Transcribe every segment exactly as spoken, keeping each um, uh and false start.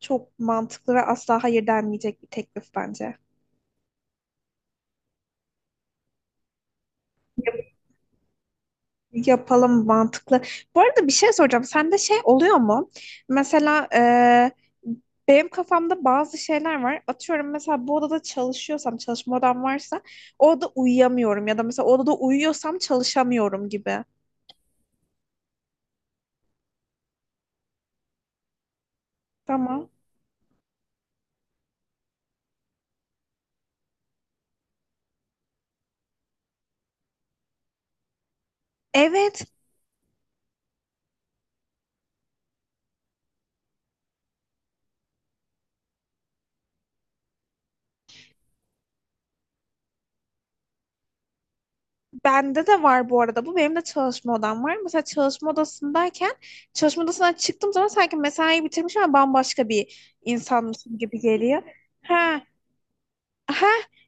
Çok mantıklı ve asla hayır denmeyecek bir teklif bence. Yapalım mantıklı. Bu arada bir şey soracağım. Sende şey oluyor mu? Mesela e, benim kafamda bazı şeyler var. Atıyorum mesela bu odada çalışıyorsam, çalışma odam varsa o odada uyuyamıyorum. Ya da mesela o odada uyuyorsam çalışamıyorum gibi. Tamam. Evet. Bende de var bu arada bu. Benim de çalışma odam var. Mesela çalışma odasındayken çalışma odasından çıktığım zaman sanki mesai bitirmiş ama bambaşka bir insanmışım gibi geliyor. He, Ha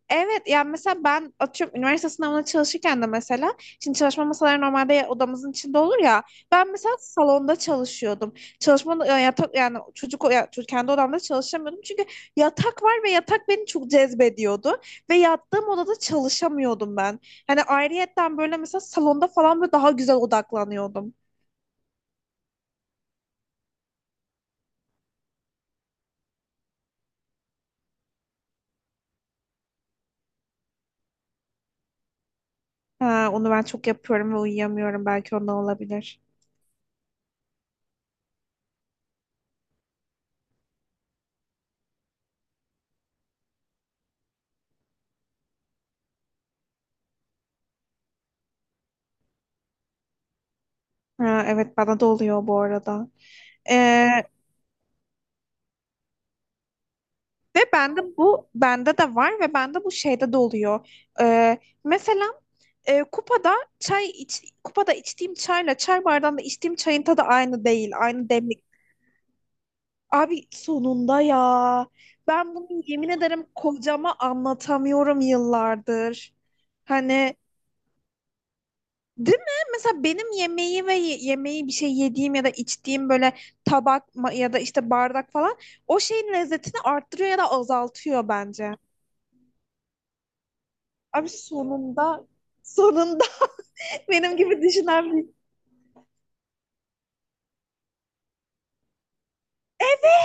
evet, yani mesela ben atıyorum üniversite sınavına çalışırken de mesela şimdi çalışma masaları normalde odamızın içinde olur ya, ben mesela salonda çalışıyordum. Çalışma ya- yatak, yani çocuk ya, çocuk- kendi odamda çalışamıyordum çünkü yatak var ve yatak beni çok cezbediyordu ve yattığım odada çalışamıyordum ben. Hani ayrıyetten böyle mesela salonda falan böyle daha güzel odaklanıyordum. Ha, onu ben çok yapıyorum ve uyuyamıyorum, belki ondan olabilir. Ha, evet bana da oluyor bu arada. Ve bende bu bende de var, ve bende bu şeyde de oluyor. Ee, Mesela e, kupada çay iç, kupada içtiğim çayla çay bardağında içtiğim çayın tadı aynı değil, aynı demlik. Abi sonunda ya. Ben bunu yemin ederim kocama anlatamıyorum yıllardır. Hani, değil mi? Mesela benim yemeği ve ye- yemeği bir şey yediğim ya da içtiğim böyle tabak ma- ya da işte bardak falan, o şeyin lezzetini arttırıyor ya da azaltıyor bence. Abi sonunda sonunda benim gibi düşünen bir.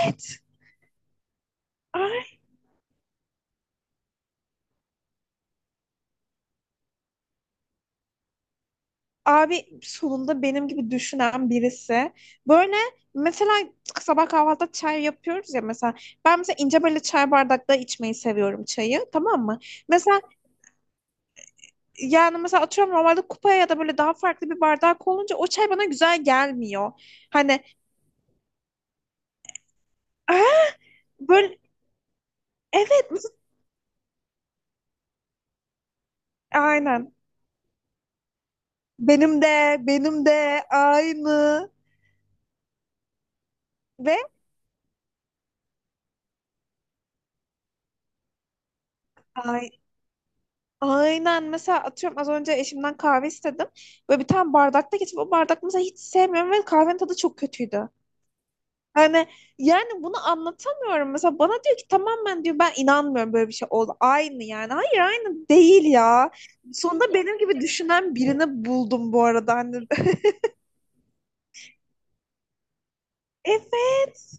Evet. Ay, abi sonunda benim gibi düşünen birisi. Böyle mesela sabah kahvaltıda çay yapıyoruz ya mesela. Ben mesela ince böyle çay bardakta içmeyi seviyorum çayı, tamam mı? Mesela yani mesela atıyorum normalde kupaya ya da böyle daha farklı bir bardak olunca o çay bana güzel gelmiyor. Hani, böyle, evet, aynen, benim de benim de aynı ve aynı. Aynen, mesela atıyorum az önce eşimden kahve istedim. Böyle bir tane bardakta geçip o bardak mesela hiç sevmiyorum ve kahvenin tadı çok kötüydü. Yani yani bunu anlatamıyorum. Mesela bana diyor ki, tamamen diyor ben inanmıyorum böyle bir şey oldu. Aynı, yani. Hayır, aynı değil ya. Sonunda benim gibi düşünen birini buldum bu arada. Hani, evet.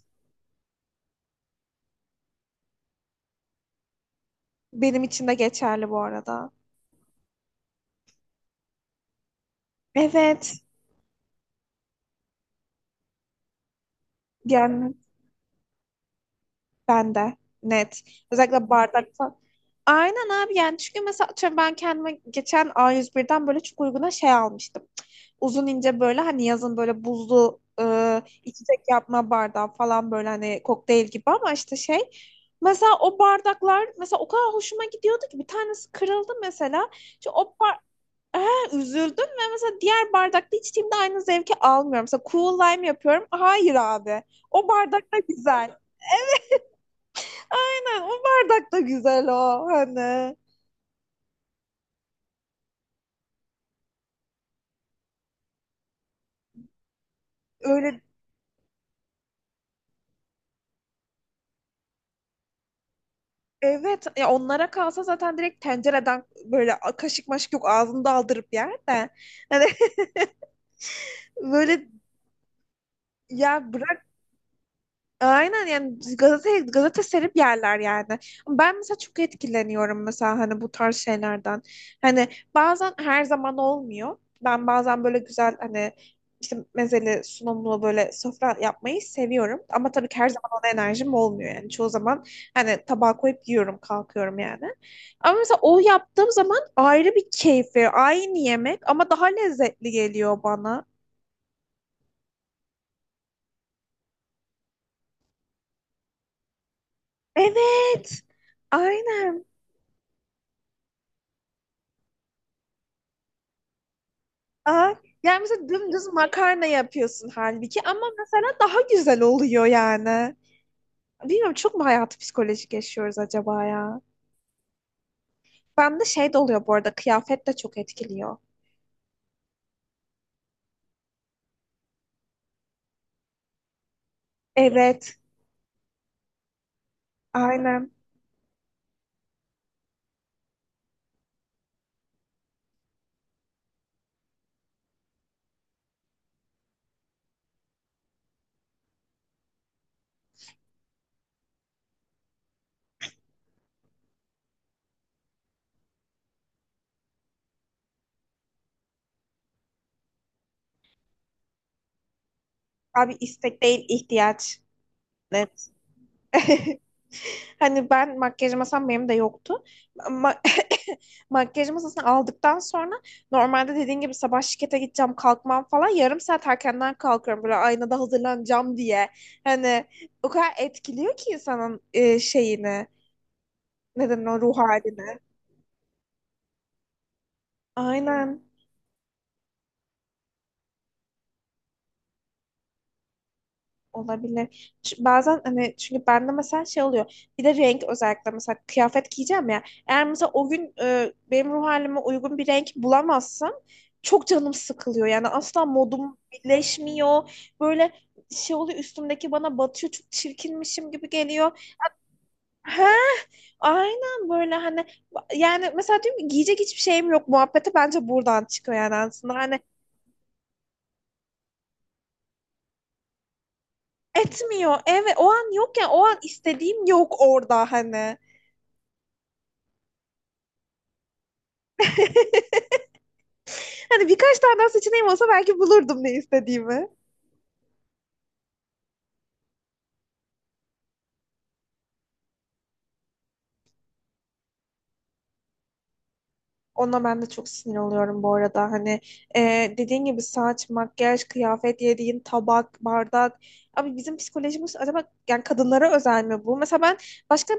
Benim için de geçerli bu arada. Evet. Yani ben de net. Özellikle bardak falan. Aynen abi, yani çünkü mesela atıyorum ben kendime geçen a yüz birden böyle çok uyguna şey almıştım. Uzun ince böyle, hani yazın böyle buzlu e, içecek yapma bardağı falan, böyle hani kokteyl gibi ama işte şey. Mesela o bardaklar mesela o kadar hoşuma gidiyordu ki bir tanesi kırıldı mesela. İşte o bar He, üzüldüm ve mesela diğer bardakta içtiğimde aynı zevki almıyorum. Mesela cool lime yapıyorum. Hayır abi. O bardak da güzel. Aynen, o bardak da güzel o, hani. Öyle, evet ya, onlara kalsa zaten direkt tencereden böyle kaşık maşık yok, ağzında aldırıp yer de. Hani, böyle ya. Aynen yani, gazete gazete serip yerler yani. Ben mesela çok etkileniyorum mesela, hani bu tarz şeylerden. Hani, bazen, her zaman olmuyor. Ben bazen böyle güzel, hani işte mezeli sunumlu böyle sofra yapmayı seviyorum. Ama tabii ki her zaman ona enerjim olmuyor yani. Çoğu zaman hani tabağa koyup yiyorum, kalkıyorum yani. Ama mesela o yaptığım zaman ayrı bir keyif veriyor. Aynı yemek ama daha lezzetli geliyor bana. Evet. Aynen. Aa, yani mesela dümdüz makarna yapıyorsun halbuki, ama mesela daha güzel oluyor yani. Bilmiyorum, çok mu hayatı psikolojik yaşıyoruz acaba ya? Bende şey de oluyor bu arada, kıyafet de çok etkiliyor. Evet, aynen. Abi istek değil, ihtiyaç. Net. Hani ben, makyaj masam benim de yoktu. Ma makyaj masasını aldıktan sonra, normalde dediğin gibi sabah şirkete gideceğim, kalkmam falan yarım saat erkenden kalkıyorum böyle aynada hazırlanacağım diye. Hani o kadar etkiliyor ki insanın e, şeyini, neden, o ruh halini. Aynen. Olabilir. Ç- Bazen hani, çünkü bende mesela şey oluyor. Bir de renk özellikle, mesela kıyafet giyeceğim ya. Eğer mesela o gün e, benim ruh halime uygun bir renk bulamazsam çok canım sıkılıyor. Yani asla modum birleşmiyor. Böyle şey oluyor, üstümdeki bana batıyor. Çok çirkinmişim gibi geliyor. He, aynen, böyle hani, yani mesela diyorum ki giyecek hiçbir şeyim yok muhabbeti bence buradan çıkıyor yani aslında. Hani, etmiyor. Evet, o an yok ya, o an istediğim yok orada hani. Hani birkaç tane daha seçeneğim olsa belki bulurdum ne istediğimi. Ona ben de çok sinir oluyorum bu arada. Hani, e, dediğin gibi saç, makyaj, kıyafet, yediğin tabak, bardak. Abi bizim psikolojimiz acaba yani kadınlara özel mi bu? Mesela ben başka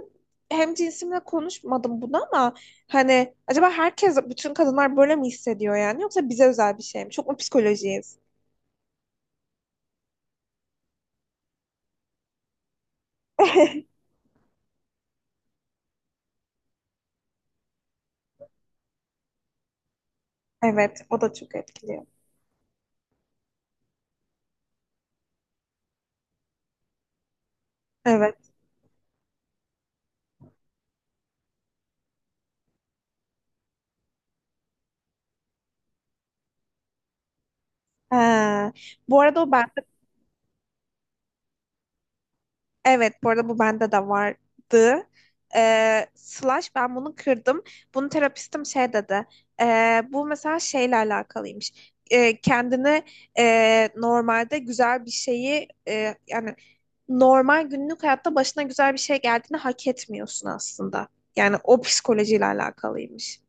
hem cinsimle konuşmadım bunu, ama hani acaba herkes, bütün kadınlar böyle mi hissediyor yani? Yoksa bize özel bir şey mi? Çok mu psikolojiyiz? Evet, o da çok etkiliyor. Evet. Ha. Bu arada o ben Evet, bu arada bu bende de vardı. Ee, slash ben bunu kırdım. Bunu terapistim şey dedi. Ee, bu mesela şeyle alakalıymış. Ee, kendini e, normalde güzel bir şeyi e, yani normal günlük hayatta başına güzel bir şey geldiğini hak etmiyorsun aslında. Yani o psikolojiyle alakalıymış.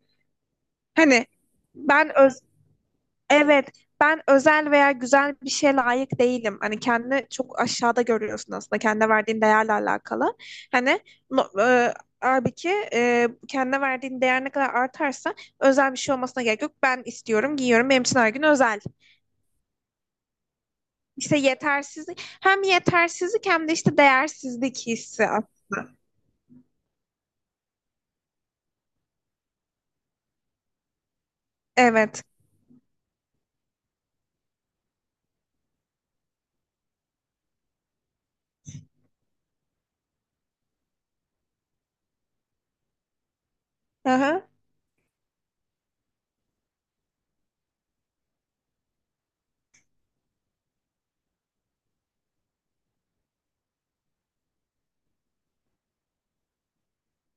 Hani ben öz Evet, ben özel veya güzel bir şeye layık değilim. Hani kendini çok aşağıda görüyorsun aslında. Kendine verdiğin değerle alakalı. Hani, no, e, halbuki e, kendine verdiğin değer ne kadar artarsa özel bir şey olmasına gerek yok. Ben istiyorum, giyiyorum. Benim için her gün özel. İşte yetersizlik. Hem yetersizlik hem de işte değersizlik hissi aslında. Evet.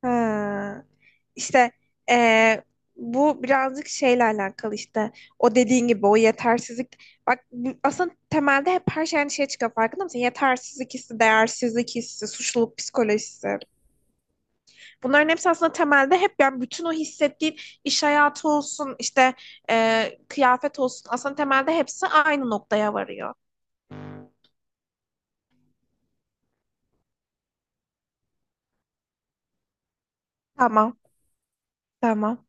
Ha. İşte eee, bu birazcık şeyle alakalı işte, o dediğin gibi o yetersizlik, bak, bu- aslında temelde hep her şey aynı şeye çıkıyor, farkında mısın? Yetersizlik hissi, değersizlik hissi, suçluluk psikolojisi. Bunların hepsi aslında temelde hep, yani bütün o hissettiğin iş hayatı olsun, işte eee, kıyafet olsun, aslında temelde hepsi aynı noktaya varıyor. Tamam, tamam.